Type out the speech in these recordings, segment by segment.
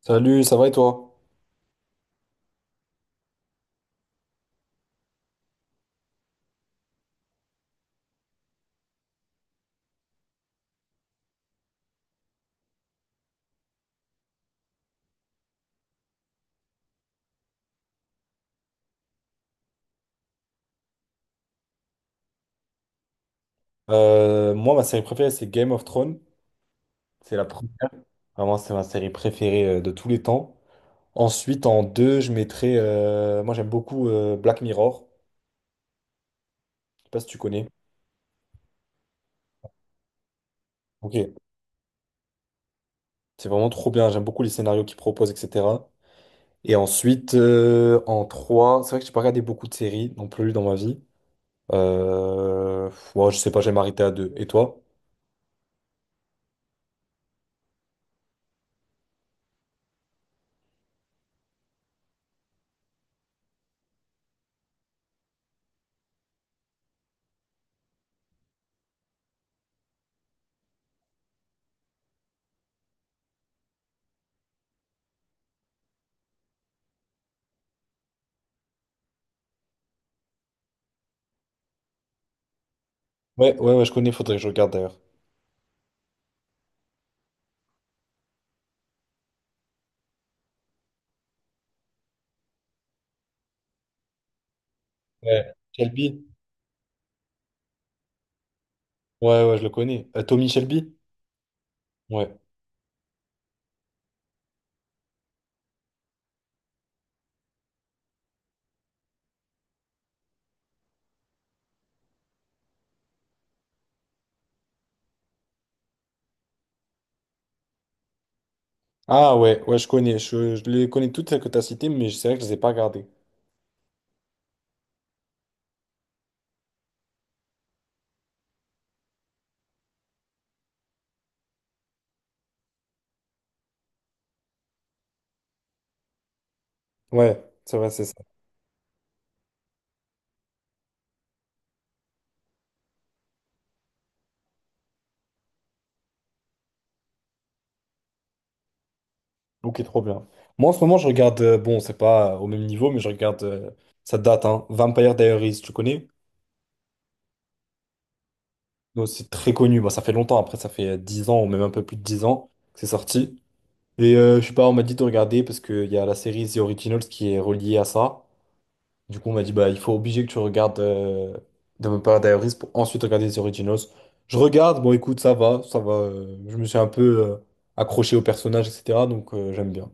Salut, ça va et toi? Moi, ma série préférée, c'est Game of Thrones. C'est la première. Vraiment, c'est ma série préférée de tous les temps. Ensuite, en deux, je mettrais, moi, j'aime beaucoup Black Mirror. Je sais pas si tu connais. Ok. C'est vraiment trop bien. J'aime beaucoup les scénarios qu'ils proposent, etc. Et ensuite, en trois, c'est vrai que j'ai pas regardé beaucoup de séries non plus dans ma vie. Ouais, je sais pas, j'ai m'arrêter à deux. Et toi? Ouais, ouais, ouais, je connais. Faudrait que je regarde d'ailleurs. Ouais. Shelby? Ouais, ouais, je le connais. Tommy Shelby? Ouais. Ah ouais, ouais, je connais. Je les connais toutes celles que tu as citées, mais c'est vrai que je les ai pas regardées. Ouais, c'est vrai, c'est ça. Ok, trop bien. Moi, en ce moment, je regarde, bon, c'est pas au même niveau, mais je regarde, ça date, hein, Vampire Diaries, tu connais? Non, c'est très connu. Bah, ça fait longtemps, après, ça fait 10 ans, ou même un peu plus de 10 ans que c'est sorti. Et je sais pas, on m'a dit de regarder parce qu'il y a la série The Originals qui est reliée à ça. Du coup, on m'a dit, bah, il faut obligé que tu regardes Vampire Diaries pour ensuite regarder les Originals. Je regarde, bon, écoute, ça va, ça va. Je me suis un peu accroché au personnage, etc. Donc, j'aime bien.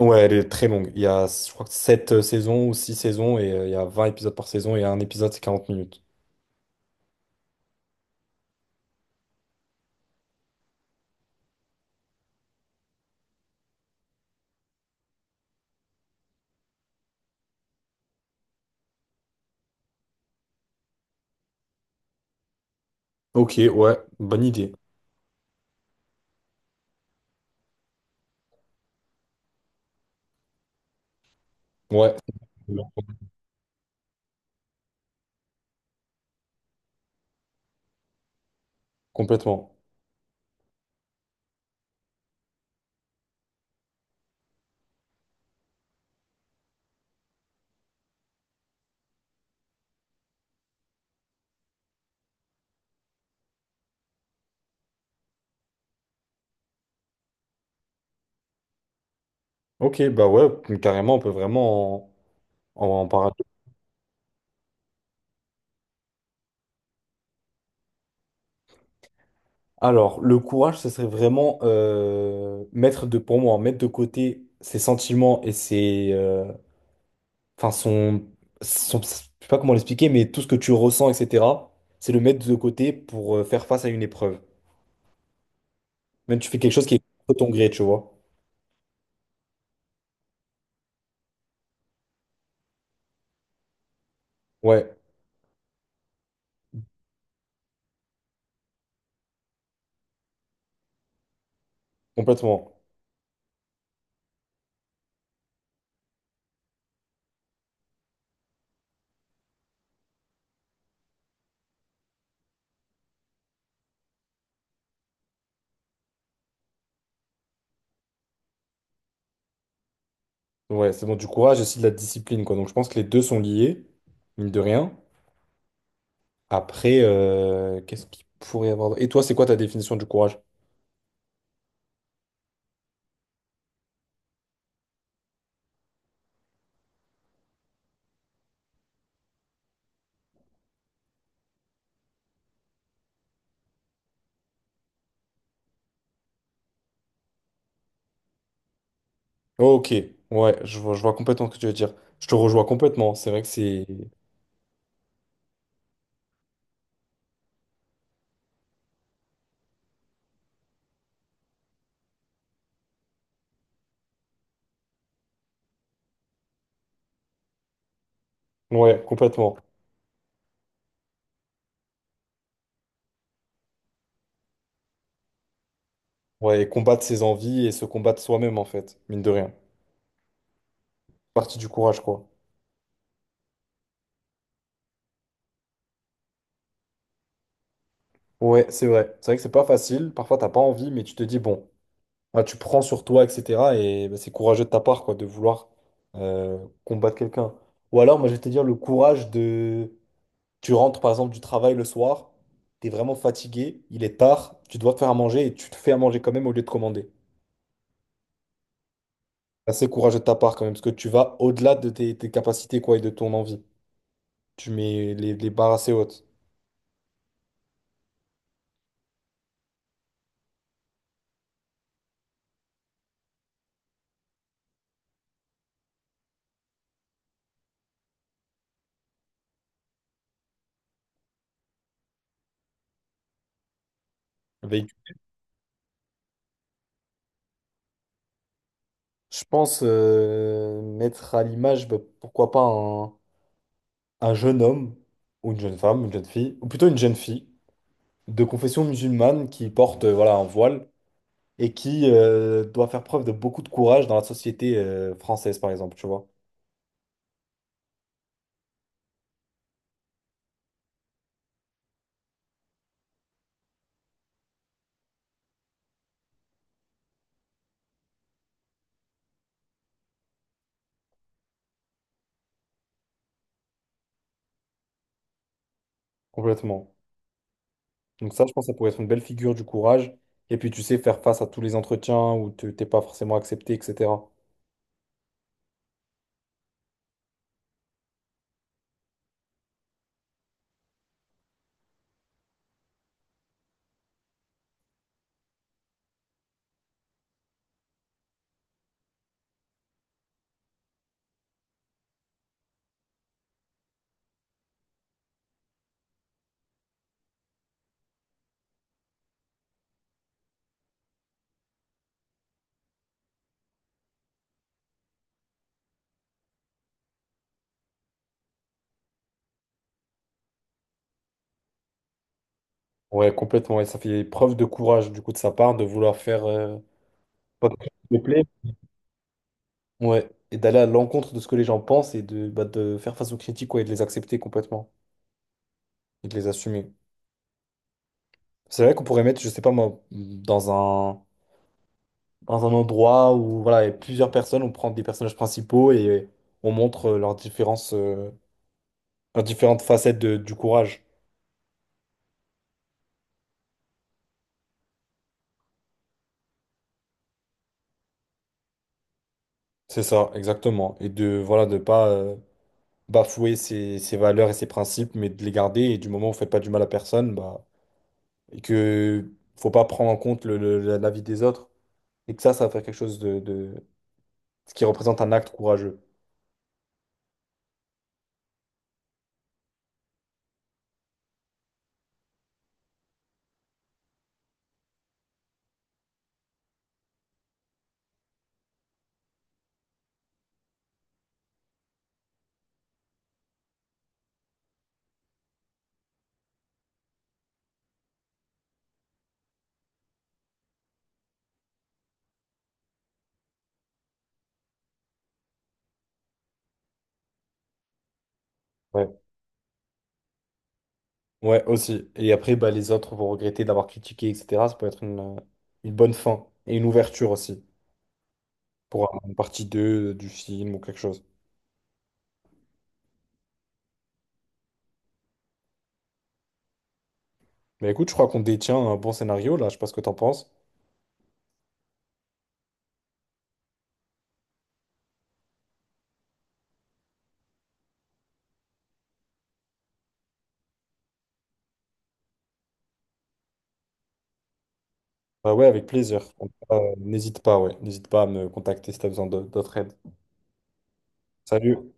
Ouais, elle est très longue. Il y a, je crois que 7 saisons ou 6 saisons, et il y a 20 épisodes par saison, et un épisode, c'est 40 minutes. Ok, ouais, bonne idée. Ouais, complètement. Ok, bah ouais, carrément, on peut vraiment en parler. Alors, le courage, ce serait vraiment mettre de, pour moi, mettre de côté ses sentiments et ses, enfin son, je sais pas comment l'expliquer, mais tout ce que tu ressens, etc. C'est le mettre de côté pour faire face à une épreuve. Même tu fais quelque chose qui est contre ton gré, tu vois. Ouais, complètement. Ouais, c'est bon, du courage et aussi de la discipline, quoi. Donc, je pense que les deux sont liés, mine de rien. Après, qu'est-ce qu'il pourrait y avoir? Et toi, c'est quoi ta définition du courage? Ok, ouais, je vois complètement ce que tu veux dire. Je te rejoins complètement. C'est vrai que c'est. Ouais, complètement. Ouais, et combattre ses envies et se combattre soi-même, en fait, mine de rien. Partie du courage, quoi. Ouais, c'est vrai. C'est vrai que c'est pas facile. Parfois, t'as pas envie, mais tu te dis, bon, ouais, tu prends sur toi, etc. Et bah, c'est courageux de ta part, quoi, de vouloir euh, combattre quelqu'un. Ou alors, moi, je vais te dire le courage de. Tu rentres, par exemple, du travail le soir, t'es vraiment fatigué, il est tard, tu dois te faire à manger et tu te fais à manger quand même au lieu de commander. Assez courageux de ta part quand même, parce que tu vas au-delà de tes capacités quoi, et de ton envie. Tu mets les barres assez hautes. Avec, je pense mettre à l'image, bah, pourquoi pas un jeune homme, ou une jeune femme, une jeune fille, ou plutôt une jeune fille, de confession musulmane qui porte voilà, un voile et qui doit faire preuve de beaucoup de courage dans la société française, par exemple, tu vois. Complètement. Donc ça, je pense que ça pourrait être une belle figure du courage. Et puis, tu sais, faire face à tous les entretiens où tu t'es pas forcément accepté, etc. Ouais, complètement. Et ça fait preuve de courage, du coup, de sa part, de vouloir faire pas quelque chose qui me plaît. Ouais. Et d'aller à l'encontre de ce que les gens pensent et de, bah, de faire face aux critiques, ouais, et de les accepter complètement et de les assumer. C'est vrai qu'on pourrait mettre, je sais pas moi, dans un endroit où voilà, il y a plusieurs personnes, on prend des personnages principaux et on montre leurs différences, leurs différentes facettes du courage. C'est ça, exactement. Et de, voilà, de pas bafouer ses valeurs et ses principes, mais de les garder. Et du moment où on fait pas du mal à personne, bah. Et que faut pas prendre en compte la vie des autres et que ça va faire quelque chose de, ce qui représente un acte courageux. Ouais. Ouais, aussi. Et après, bah, les autres vont regretter d'avoir critiqué, etc. Ça peut être une bonne fin et une ouverture aussi pour une partie 2 du film ou quelque chose. Mais écoute, je crois qu'on détient un bon scénario là. Je sais pas ce que t'en penses. Bah ouais, avec plaisir. N'hésite pas, ouais. N'hésite pas à me contacter si t'as besoin d'autres aides. Salut.